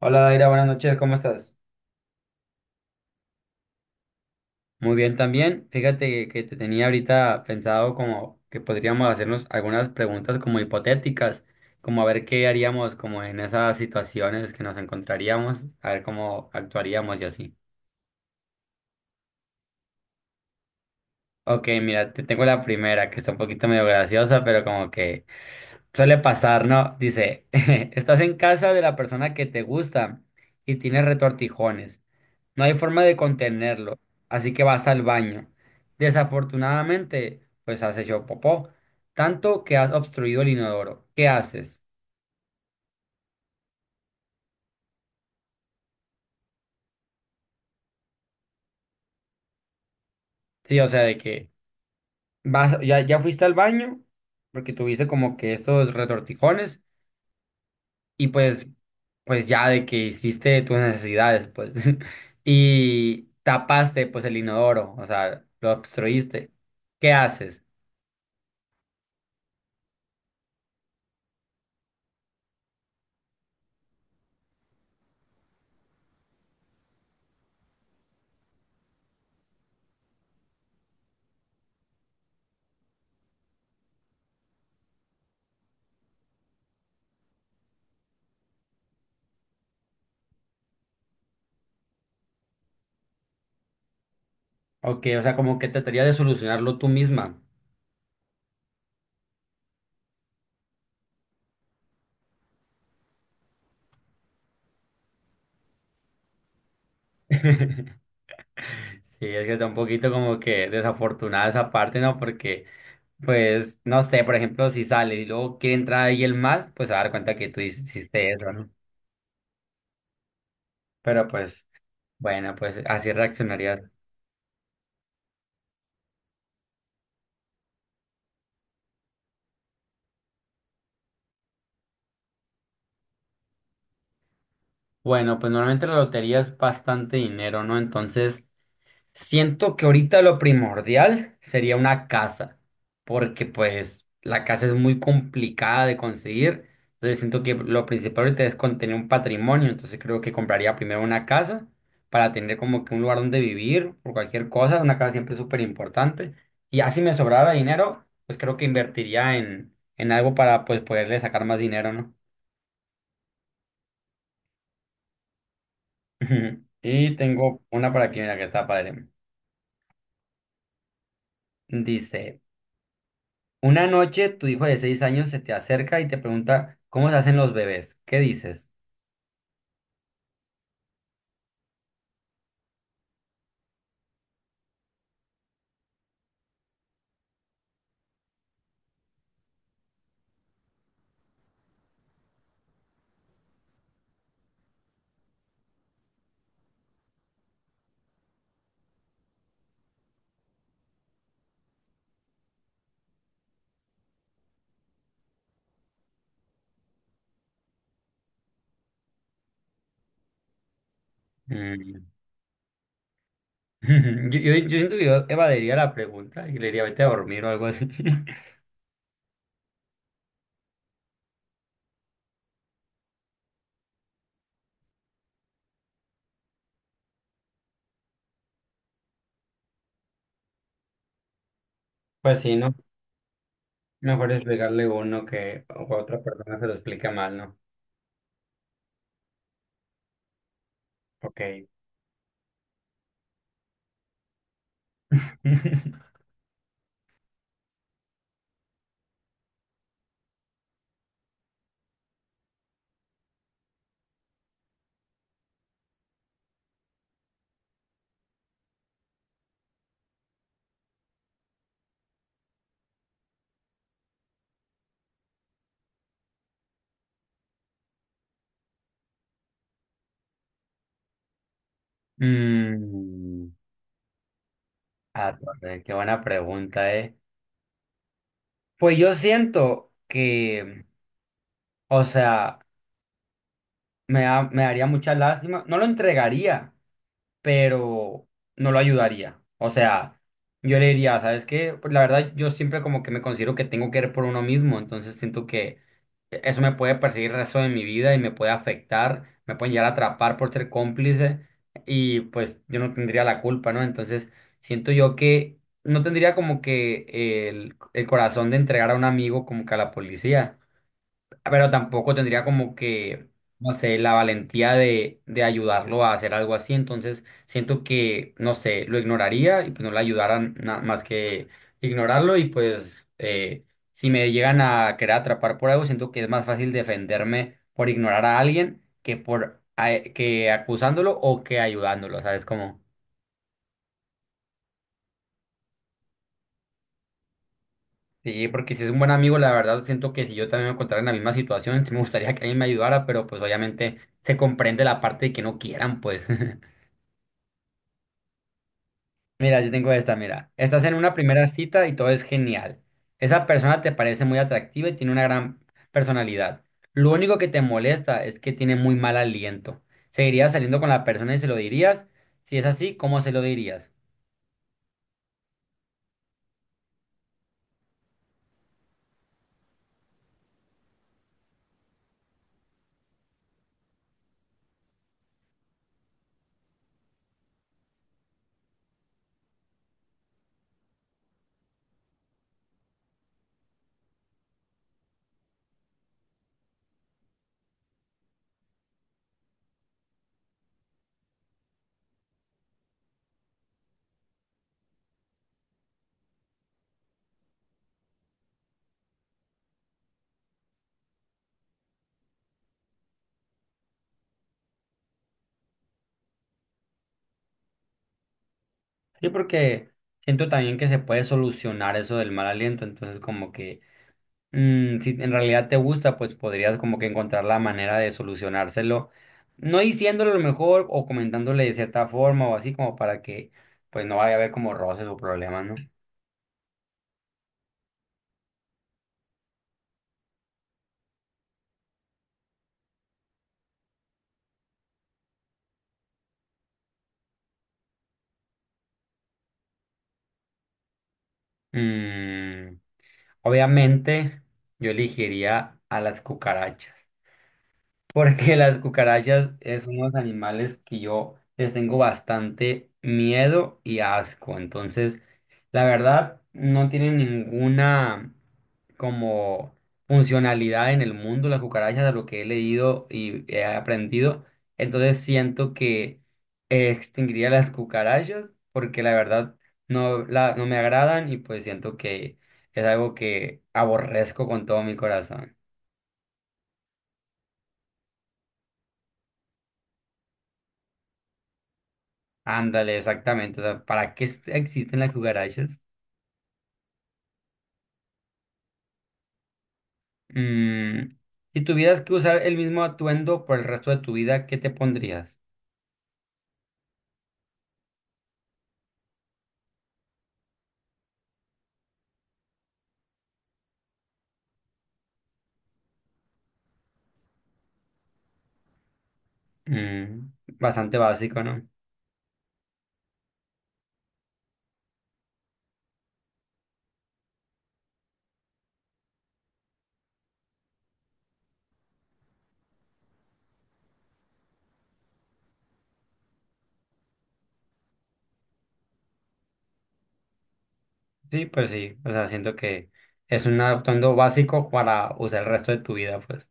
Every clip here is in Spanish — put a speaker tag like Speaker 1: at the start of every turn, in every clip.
Speaker 1: Hola Daira, buenas noches, ¿cómo estás? Muy bien también. Fíjate que te tenía ahorita pensado como que podríamos hacernos algunas preguntas como hipotéticas, como a ver qué haríamos como en esas situaciones que nos encontraríamos, a ver cómo actuaríamos y así. Ok, mira, te tengo la primera que está un poquito medio graciosa, pero como que suele pasar, ¿no? Dice, estás en casa de la persona que te gusta y tienes retortijones. No hay forma de contenerlo, así que vas al baño. Desafortunadamente, pues has hecho popó, tanto que has obstruido el inodoro. ¿Qué haces? Sí, o sea, de que vas, ya fuiste al baño, porque tuviste como que estos retortijones, y pues, pues ya de que hiciste tus necesidades, pues, y tapaste, pues, el inodoro, o sea, lo obstruiste. ¿Qué haces? Ok, o sea, como que trataría de solucionarlo tú misma. Sí, es que está un poquito como que desafortunada esa parte, ¿no? Porque, pues, no sé, por ejemplo, si sale y luego quiere entrar alguien más, pues se va a dar cuenta que tú hiciste eso, ¿no? Pero pues, bueno, pues así reaccionaría. Bueno, pues normalmente la lotería es bastante dinero, ¿no? Entonces, siento que ahorita lo primordial sería una casa, porque pues la casa es muy complicada de conseguir. Entonces siento que lo principal ahorita es con tener un patrimonio. Entonces creo que compraría primero una casa para tener como que un lugar donde vivir por cualquier cosa. Una casa siempre es súper importante. Y ya si me sobrara dinero, pues creo que invertiría en algo para pues poderle sacar más dinero, ¿no? Y tengo una para aquí, mira, que está padre. Dice. Una noche tu hijo de seis años se te acerca y te pregunta cómo se hacen los bebés. ¿Qué dices? Mm. Yo siento que yo evadiría la pregunta y le diría vete a dormir o algo así. Pues sí, ¿no? Mejor explicarle uno que o que otra persona se lo explica mal, ¿no? Ok. Mm, ah, torre, qué buena pregunta, ¿eh? Pues yo siento que, o sea, me daría mucha lástima, no lo entregaría, pero no lo ayudaría. O sea, yo le diría, ¿sabes qué? Pues la verdad, yo siempre como que me considero que tengo que ir por uno mismo, entonces siento que eso me puede perseguir el resto de mi vida y me puede afectar, me pueden llegar a atrapar por ser cómplice y pues yo no tendría la culpa, ¿no? Entonces siento yo que no tendría como que el corazón de entregar a un amigo como que a la policía, pero tampoco tendría como que, no sé, la valentía de ayudarlo a hacer algo así. Entonces, siento que, no sé, lo ignoraría y pues no le ayudaran más que ignorarlo. Y pues, si me llegan a querer atrapar por algo, siento que es más fácil defenderme por ignorar a alguien que por que acusándolo o que ayudándolo, ¿sabes cómo? Sí, porque si es un buen amigo, la verdad siento que si yo también me encontrara en la misma situación, sí me gustaría que alguien me ayudara, pero pues obviamente se comprende la parte de que no quieran, pues. Mira, yo tengo esta, mira. Estás en una primera cita y todo es genial. Esa persona te parece muy atractiva y tiene una gran personalidad. Lo único que te molesta es que tiene muy mal aliento. ¿Seguirías saliendo con la persona y se lo dirías? Si es así, ¿cómo se lo dirías? Sí, porque siento también que se puede solucionar eso del mal aliento, entonces como que... Mm, si en realidad te gusta, pues podrías como que encontrar la manera de solucionárselo, no diciéndole lo mejor o comentándole de cierta forma o así como para que pues no vaya a haber como roces o problemas, ¿no? Mm, obviamente yo elegiría a las cucarachas. Porque las cucarachas es unos animales que yo les tengo bastante miedo y asco. Entonces, la verdad, no tienen ninguna como funcionalidad en el mundo las cucarachas, de lo que he leído y he aprendido. Entonces, siento que extinguiría las cucarachas porque la verdad no, la, no me agradan y pues siento que es algo que aborrezco con todo mi corazón. Ándale, exactamente. O sea, ¿para qué existen las cucarachas? Mm, si tuvieras que usar el mismo atuendo por el resto de tu vida, ¿qué te pondrías? Mm, bastante básico, ¿no? Sí, pues sí. O sea, siento que es un atuendo básico para usar el resto de tu vida, pues.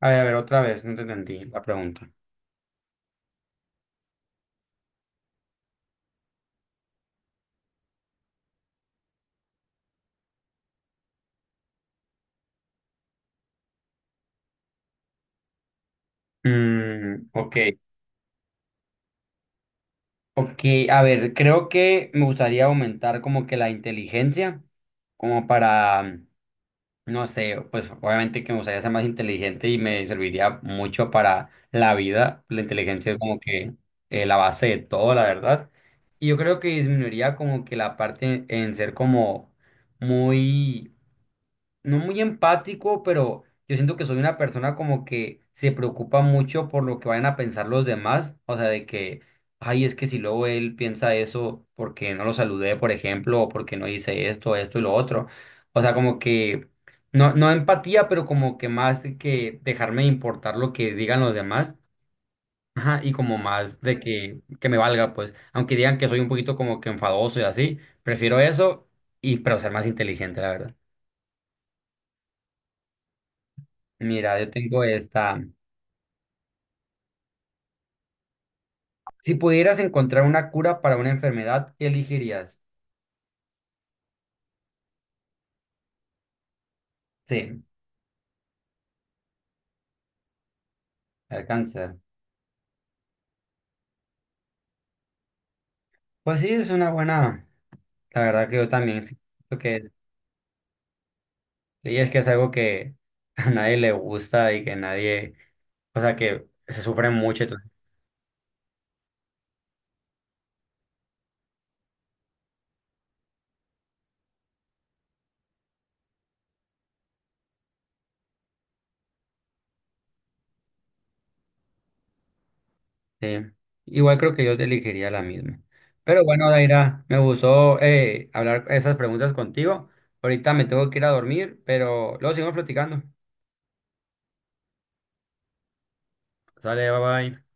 Speaker 1: A ver, otra vez, no te entendí la pregunta. Mm, ok. Ok, a ver, creo que me gustaría aumentar como que la inteligencia, como para no sé, pues obviamente que me gustaría ser más inteligente y me serviría mucho para la vida. La inteligencia es como que la base de todo, la verdad. Y yo creo que disminuiría como que la parte en ser como muy no muy empático, pero yo siento que soy una persona como que se preocupa mucho por lo que vayan a pensar los demás, o sea, de que, ay, es que si luego él piensa eso porque no lo saludé, por ejemplo, o porque no hice esto, esto y lo otro, o sea, como que, no, no empatía, pero como que más de que dejarme importar lo que digan los demás. Ajá, y como más de que me valga, pues, aunque digan que soy un poquito como que enfadoso y así, prefiero eso y pero ser más inteligente, la verdad. Mira, yo tengo esta. Si pudieras encontrar una cura para una enfermedad, ¿qué elegirías? Sí, el cáncer. Pues sí, es una buena. La verdad que yo también siento que sí, es que es algo que a nadie le gusta y que nadie, o sea, que se sufre mucho. Entonces, sí. Igual creo que yo te elegiría la misma. Pero bueno, Daira, me gustó hablar esas preguntas contigo. Ahorita me tengo que ir a dormir, pero luego seguimos platicando. Sale, bye bye.